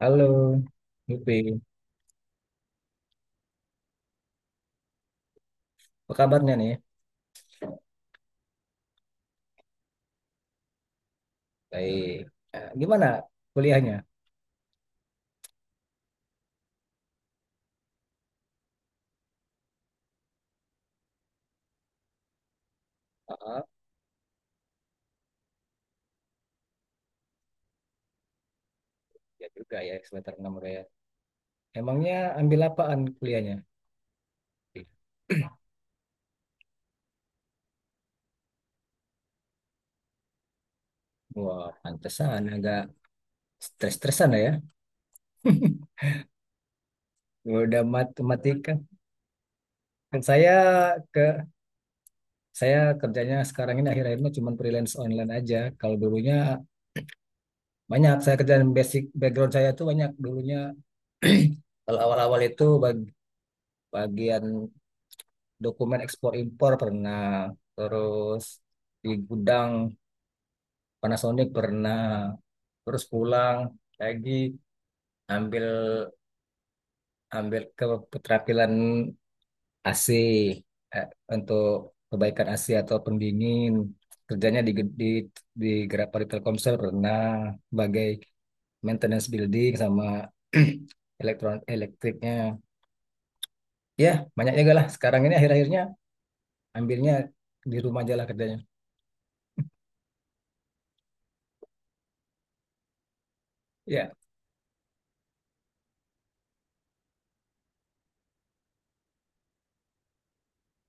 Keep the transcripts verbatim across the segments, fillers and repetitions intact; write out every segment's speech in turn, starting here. Halo, Yupi. Apa kabarnya nih? Baik. Eh, Gimana kuliahnya? Ah, Ya juga ya, semester enam udah ya. Emangnya ambil apaan kuliahnya? Wah, pantesan agak stres-stresan lah ya. Udah matematika. Kan saya ke Saya kerjanya sekarang ini akhir akhirnya cuma freelance online aja. Kalau dulunya banyak saya kerjaan, basic background saya tuh banyak dulunya. Kalau awal-awal itu bag- bagian dokumen ekspor impor pernah, terus di gudang Panasonic pernah, terus pulang lagi ambil ambil ke keterampilan A C, eh, untuk kebaikan A C atau pendingin, kerjanya di di di Grapari Telkomsel pernah, sebagai maintenance building sama elektron elektriknya. Ya banyaknya gak lah, sekarang ini akhir-akhirnya ambilnya di rumah aja lah kerjanya, ya.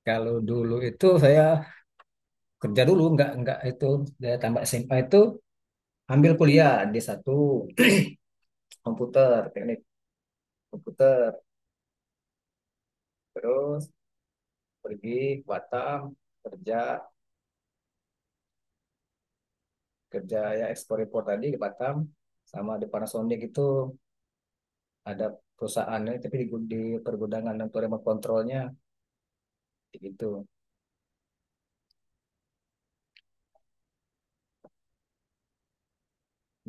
Kalau dulu itu saya kerja dulu, nggak nggak itu, saya tambah S M A itu ambil kuliah di satu komputer, teknik komputer, terus pergi ke Batam kerja. Kerja ya ekspor impor tadi di Batam sama di Panasonic itu, ada perusahaannya tapi di, di pergudangan untuk remote kontrolnya gitu,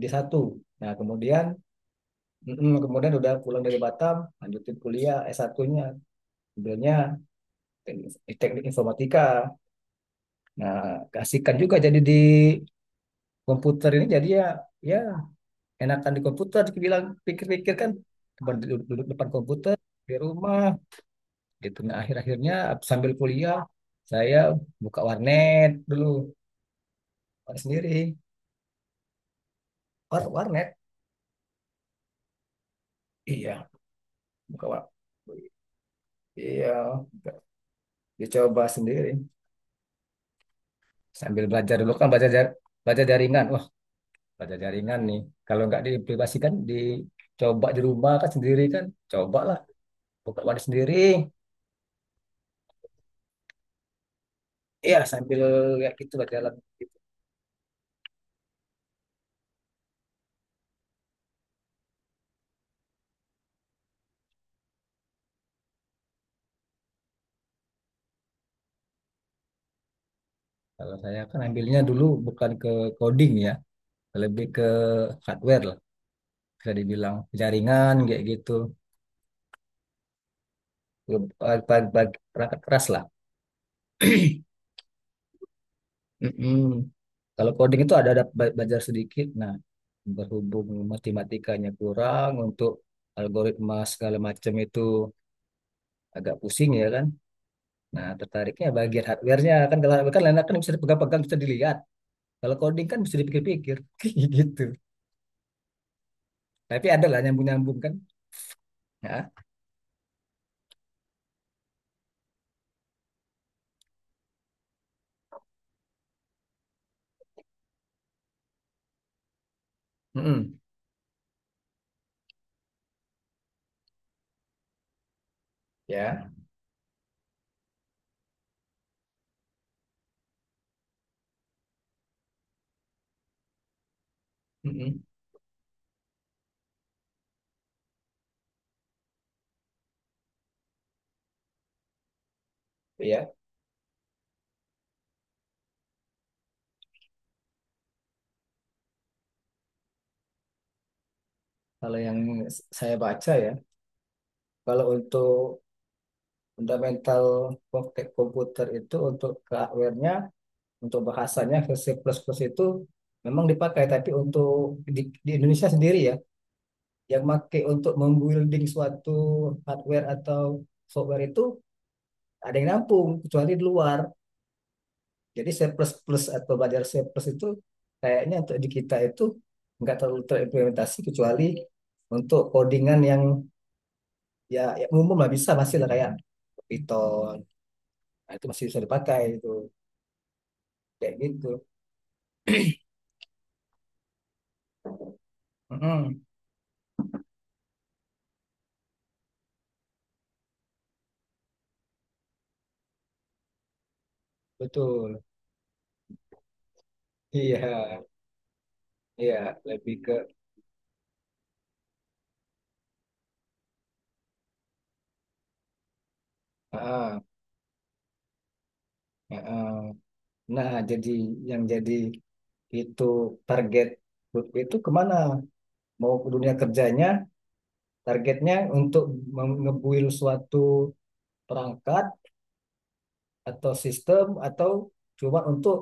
di satu. Nah, kemudian mm, kemudian udah pulang dari Batam, lanjutin kuliah S satu nya, ambilnya teknik, teknik informatika. Nah, keasikan juga jadi di komputer ini, jadi ya, ya enakan di komputer dibilang, pikir-pikir kan duduk, duduk depan komputer di rumah gitu. Nah, akhir-akhirnya sambil kuliah saya buka warnet dulu sendiri. War warnet. Iya. buka war Iya. buka- Dicoba sendiri sambil belajar dulu, kan belajar jar- belajar jaringan. Wah, belajar jaringan nih, kalau nggak diaplikasikan dicoba di rumah kan sendiri kan, cobalah buka warnet sendiri. Iya, sambil kayak gitu lah, jalan gitu. Kalau saya kan ambilnya dulu bukan ke coding ya, lebih ke hardware lah, bisa dibilang jaringan kayak gitu, Bag- bag- bag- perangkat keras lah. Mm-mm. Kalau coding itu ada, ada ba- belajar sedikit. Nah, berhubung matematikanya kurang untuk algoritma segala macam itu, agak pusing ya kan. Nah, tertariknya bagian hardware-nya kan, kalau hardware kan enak kan, bisa dipegang-pegang, bisa dilihat. Kalau coding kan bisa dipikir-pikir, kayak gitu. Tapi ada lah nyambung-nyambung kan. Ya. Mm-mm. Ya. Mm-mm. Ya. Kalau yang s- saya baca ya, kalau untuk fundamental komp- komputer itu untuk ke hardware-nya, untuk bahasanya ke C++ itu memang dipakai, tapi untuk di, di Indonesia sendiri ya, yang pakai untuk membuilding suatu hardware atau software itu ada yang nampung, kecuali di luar. Jadi surplus plus atau belajar surplus itu kayaknya untuk di kita itu nggak terlalu terimplementasi, kecuali untuk codingan yang ya, ya umum lah, bisa masih lah kayak Python. Nah, itu masih bisa dipakai itu, kayak gitu. Mm-mm, betul. Iya, iya, lebih ke. ah, ah, ah. Nah, jadi yang jadi itu target Lutfi itu kemana? Mau ke dunia kerjanya, targetnya untuk mem- nge-build suatu perangkat atau sistem, atau cuma untuk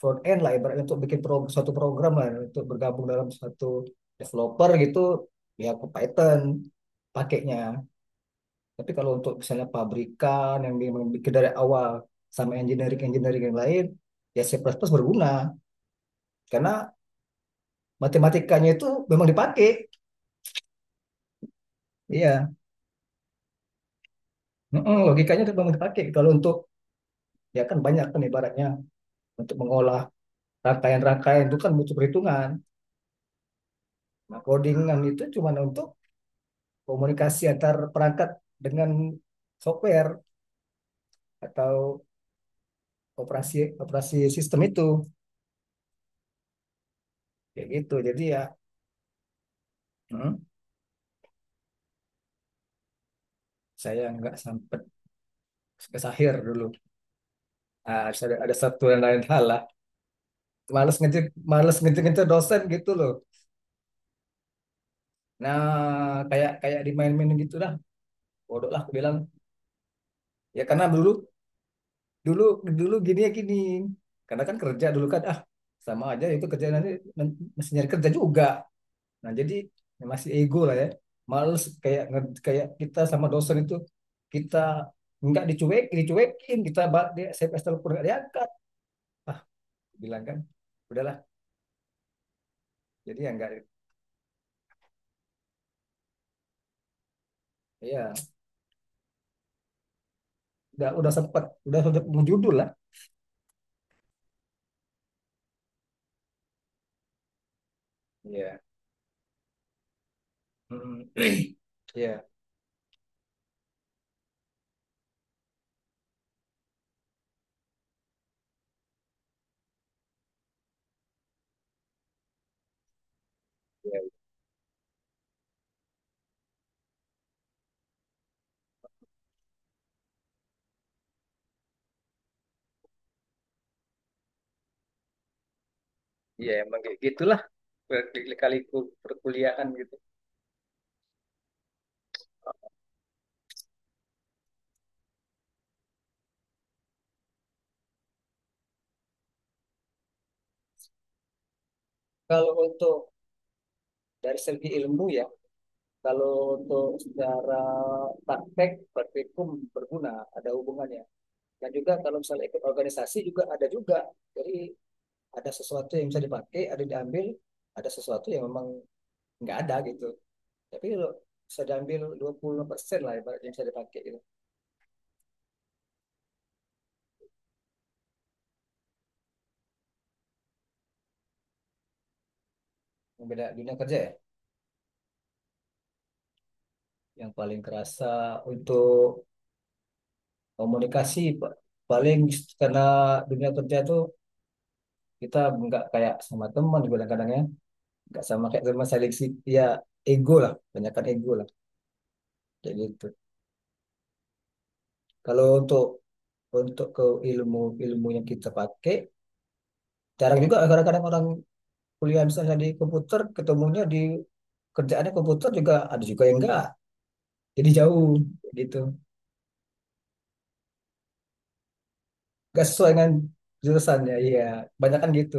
front end lah ibaratnya, untuk bikin pro, suatu program lah untuk bergabung dalam suatu developer, gitu ya, ke Python pakainya. Tapi kalau untuk misalnya pabrikan yang memang bikin dari awal sama engineering engineering yang lain, ya C++ plus plus berguna, karena matematikanya itu memang dipakai, iya. Mm-mm, logikanya itu memang dipakai. Kalau untuk ya kan banyak kan ibaratnya, untuk mengolah rangkaian-rangkaian itu kan butuh perhitungan, nah codingan itu cuma untuk komunikasi antar perangkat dengan software, atau operasi operasi sistem itu, kayak gitu jadi ya. hmm, saya nggak sampai ke Sahir dulu. Ah, ada, ada satu dan lain hal lah, males ngecek males ngecek ngecek dosen gitu loh. Nah, kayak kayak dimain-mainin gitu lah, bodoh lah aku bilang. Ya karena dulu, dulu dulu gini ya gini, karena kan kerja dulu kan, ah sama aja itu, kerja nanti nanti mesti nyari kerja juga. Nah, jadi masih ego lah ya. Males kayak nge- kayak kita sama dosen itu, kita nggak dicuek, dicuekin, kita ba- di S M S telepon nggak diangkat. Ah, bilang kan, udahlah. Jadi ya nggak, ya udah udah sempat, udah udah menjudul lah. Iya. Mm. Iya. Ya, ya emang kayak gitulah kali perkuliahan gitu. Kalau untuk dari segi ilmu ya, kalau untuk secara praktek, praktikum berguna, ada hubungannya. Dan juga kalau misalnya ikut organisasi juga ada juga. Jadi ada sesuatu yang bisa dipakai, ada yang diambil, ada sesuatu yang memang nggak ada gitu. Tapi kalau bisa diambil dua puluh persen lah yang bisa dipakai gitu. Beda dunia kerja ya. Yang paling kerasa untuk komunikasi paling, karena dunia kerja tuh kita nggak kayak sama teman kadang-kadang ya. Nggak sama kayak teman seleksi ya, ego lah, banyakkan ego lah kayak gitu. Kalau untuk untuk ke ilmu ilmu yang kita pakai. Jarang juga kadang-kadang orang kuliah misalnya di komputer, ketemunya di kerjaannya komputer, juga ada juga yang enggak. Jadi jauh gitu. Enggak sesuai dengan jurusannya. Iya, banyak kan gitu.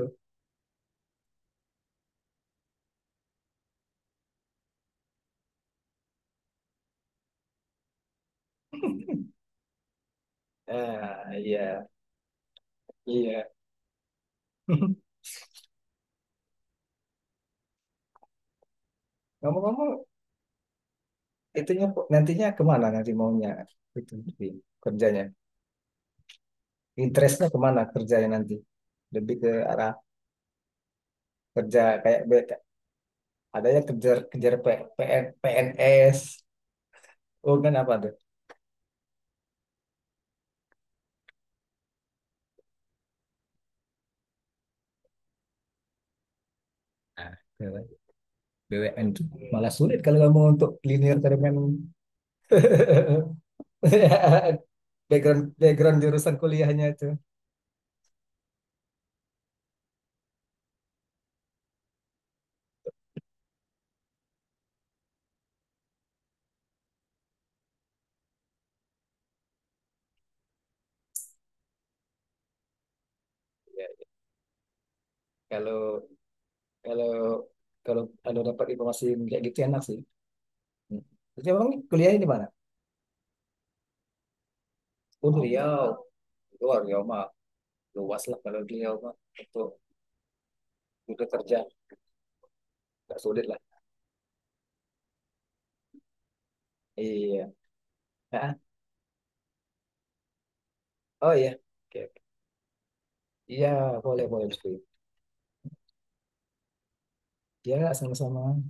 Ah, iya, iya. Ngomong-ngomong, itunya nantinya kemana, nanti maunya itu di kerjanya? Interestnya kemana kerjanya nanti? Lebih ke arah kerja kayak be- ada yang kejar, kejar P- PN P N S, oh kan apa tuh? Ah, B W N tuh malah sulit kalau kamu untuk linear dengan background background jurusan kuliahnya itu. Ya, kalau kalau kalau kalau dapat informasi kayak gitu, enak sih. Hmm. Jadi emang kuliahnya di mana? Oh, di Riau. Oh, Riau mah luas lah, kalau di Riau mah untuk untuk kerja nggak sulit lah. Iya. Ah. Oh iya. Oke. Iya, boleh boleh. Ya, sama-sama.